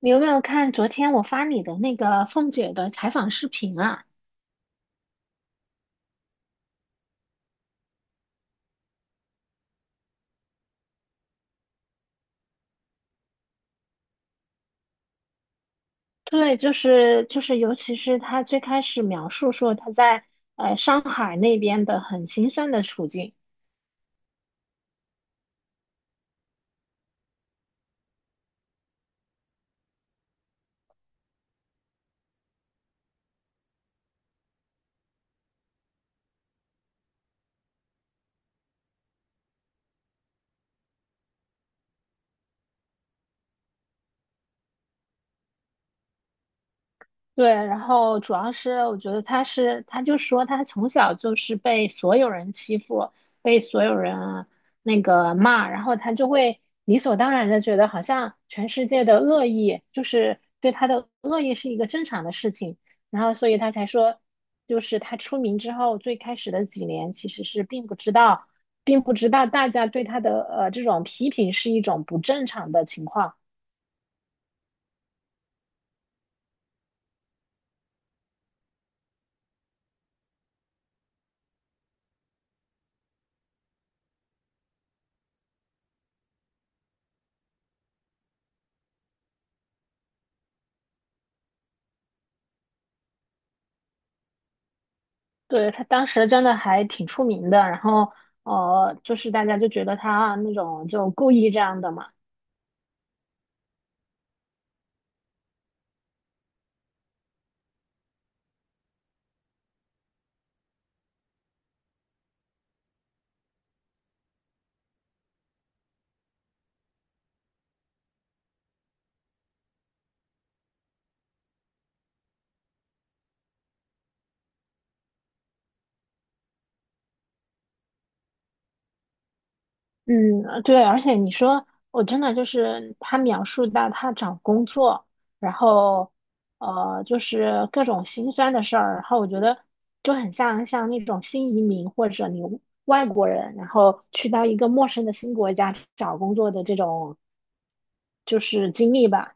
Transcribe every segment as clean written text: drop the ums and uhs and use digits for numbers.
你有没有看昨天我发你的那个凤姐的采访视频啊？对，就是，尤其是她最开始描述说她在上海那边的很心酸的处境。对，然后主要是我觉得他是，他就说他从小就是被所有人欺负，被所有人那个骂，然后他就会理所当然的觉得好像全世界的恶意就是对他的恶意是一个正常的事情，然后所以他才说，就是他出名之后最开始的几年其实是并不知道，大家对他的这种批评是一种不正常的情况。对，他当时真的还挺出名的，然后就是大家就觉得他那种就故意这样的嘛。嗯，对，而且你说我真的就是他描述到他找工作，然后就是各种心酸的事儿，然后我觉得就很像那种新移民或者你外国人，然后去到一个陌生的新国家找工作的这种就是经历吧。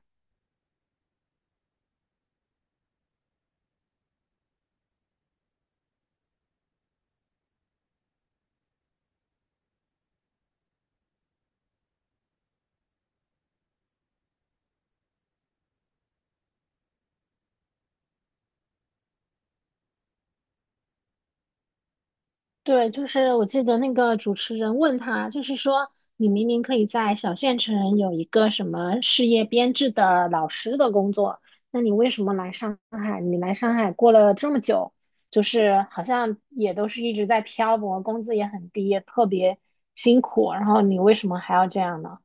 对，就是我记得那个主持人问他，就是说你明明可以在小县城有一个什么事业编制的老师的工作，那你为什么来上海？你来上海过了这么久，就是好像也都是一直在漂泊，工资也很低，也特别辛苦，然后你为什么还要这样呢？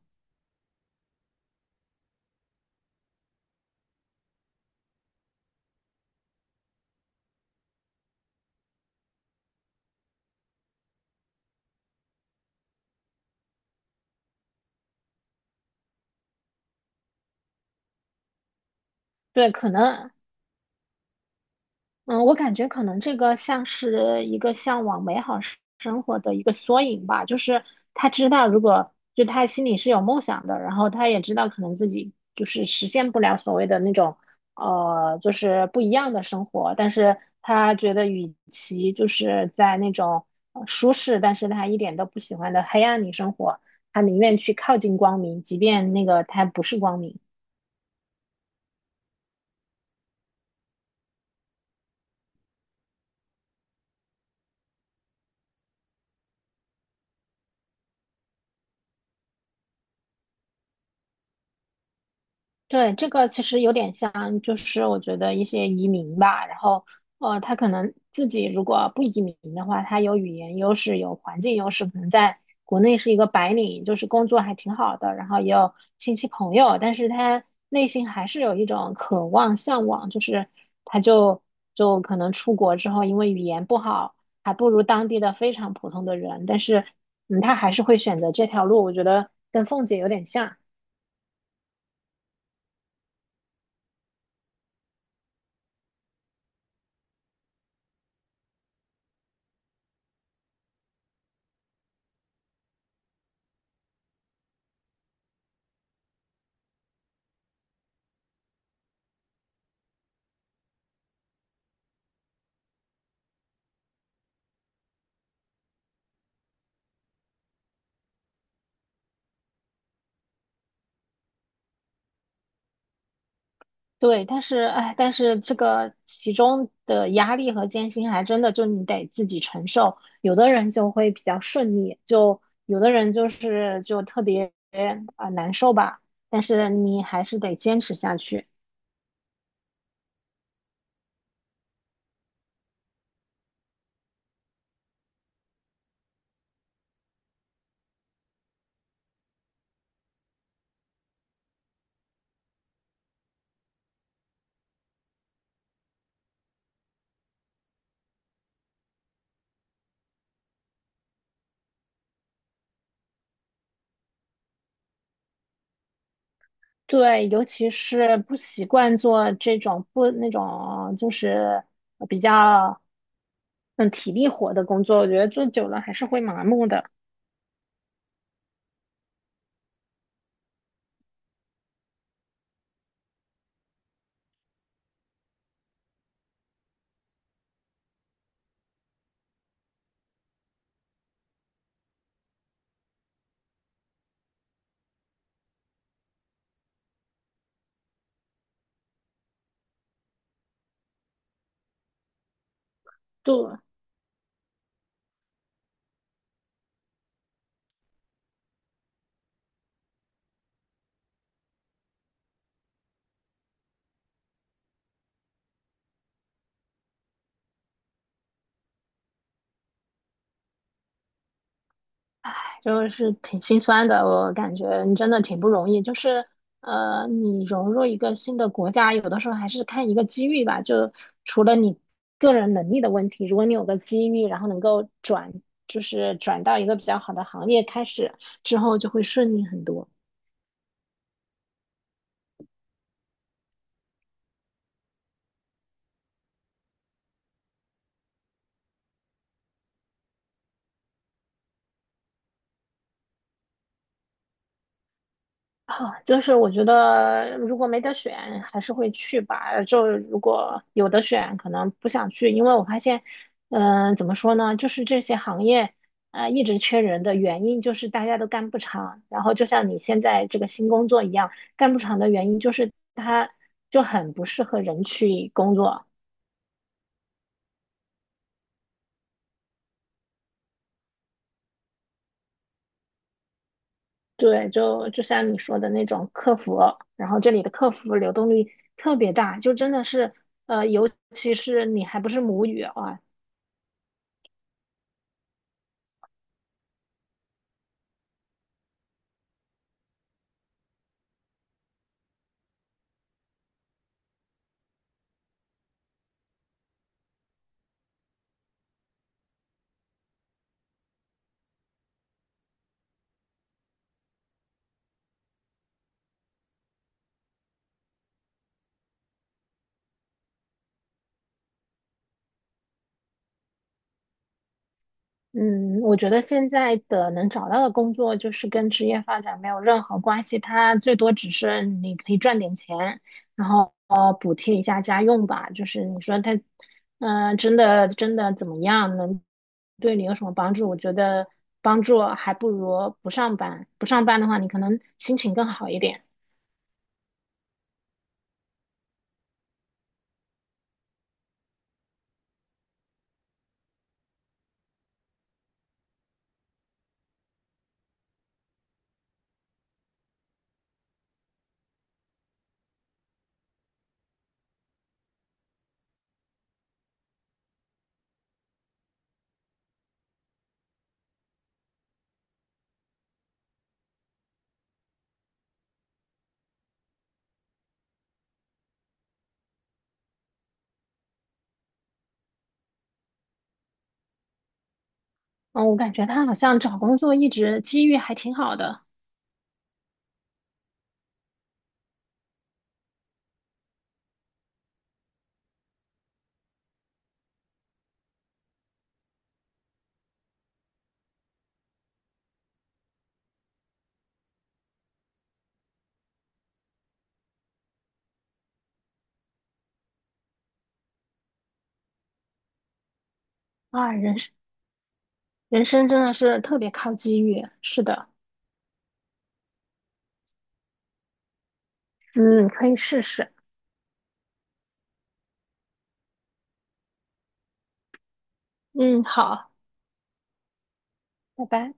对，可能嗯，我感觉可能这个像是一个向往美好生活的一个缩影吧，就是他知道，如果就他心里是有梦想的，然后他也知道可能自己就是实现不了所谓的那种就是不一样的生活，但是他觉得与其就是在那种舒适，但是他一点都不喜欢的黑暗里生活，他宁愿去靠近光明，即便那个他不是光明。对，这个其实有点像，就是我觉得一些移民吧，然后他可能自己如果不移民的话，他有语言优势，有环境优势，可能在国内是一个白领，就是工作还挺好的，然后也有亲戚朋友，但是他内心还是有一种渴望、向往，就是他可能出国之后，因为语言不好，还不如当地的非常普通的人，但是嗯，他还是会选择这条路，我觉得跟凤姐有点像。对，但是哎，但是这个其中的压力和艰辛，还真的就你得自己承受。有的人就会比较顺利，就有的人就特别难受吧。但是你还是得坚持下去。对，尤其是不习惯做这种不那种就是比较嗯体力活的工作，我觉得做久了还是会麻木的。对。就是挺心酸的。我感觉你真的挺不容易，就是你融入一个新的国家，有的时候还是看一个机遇吧。就除了你个人能力的问题，如果你有个机遇，然后能够转，就是转到一个比较好的行业开始之后，就会顺利很多。啊，就是我觉得如果没得选，还是会去吧。就如果有的选，可能不想去，因为我发现，嗯、怎么说呢，就是这些行业，一直缺人的原因就是大家都干不长。然后就像你现在这个新工作一样，干不长的原因就是它就很不适合人去工作。对，就像你说的那种客服，然后这里的客服流动率特别大，就真的是，尤其是你还不是母语啊。嗯，我觉得现在的能找到的工作就是跟职业发展没有任何关系，它最多只是你可以赚点钱，然后补贴一下家用吧。就是你说他，嗯、真的怎么样，能对你有什么帮助？我觉得帮助还不如不上班。不上班的话，你可能心情更好一点。嗯，我感觉他好像找工作一直机遇还挺好的。啊，人生真的是特别靠机遇。是的，嗯，可以试试。嗯，好，拜拜。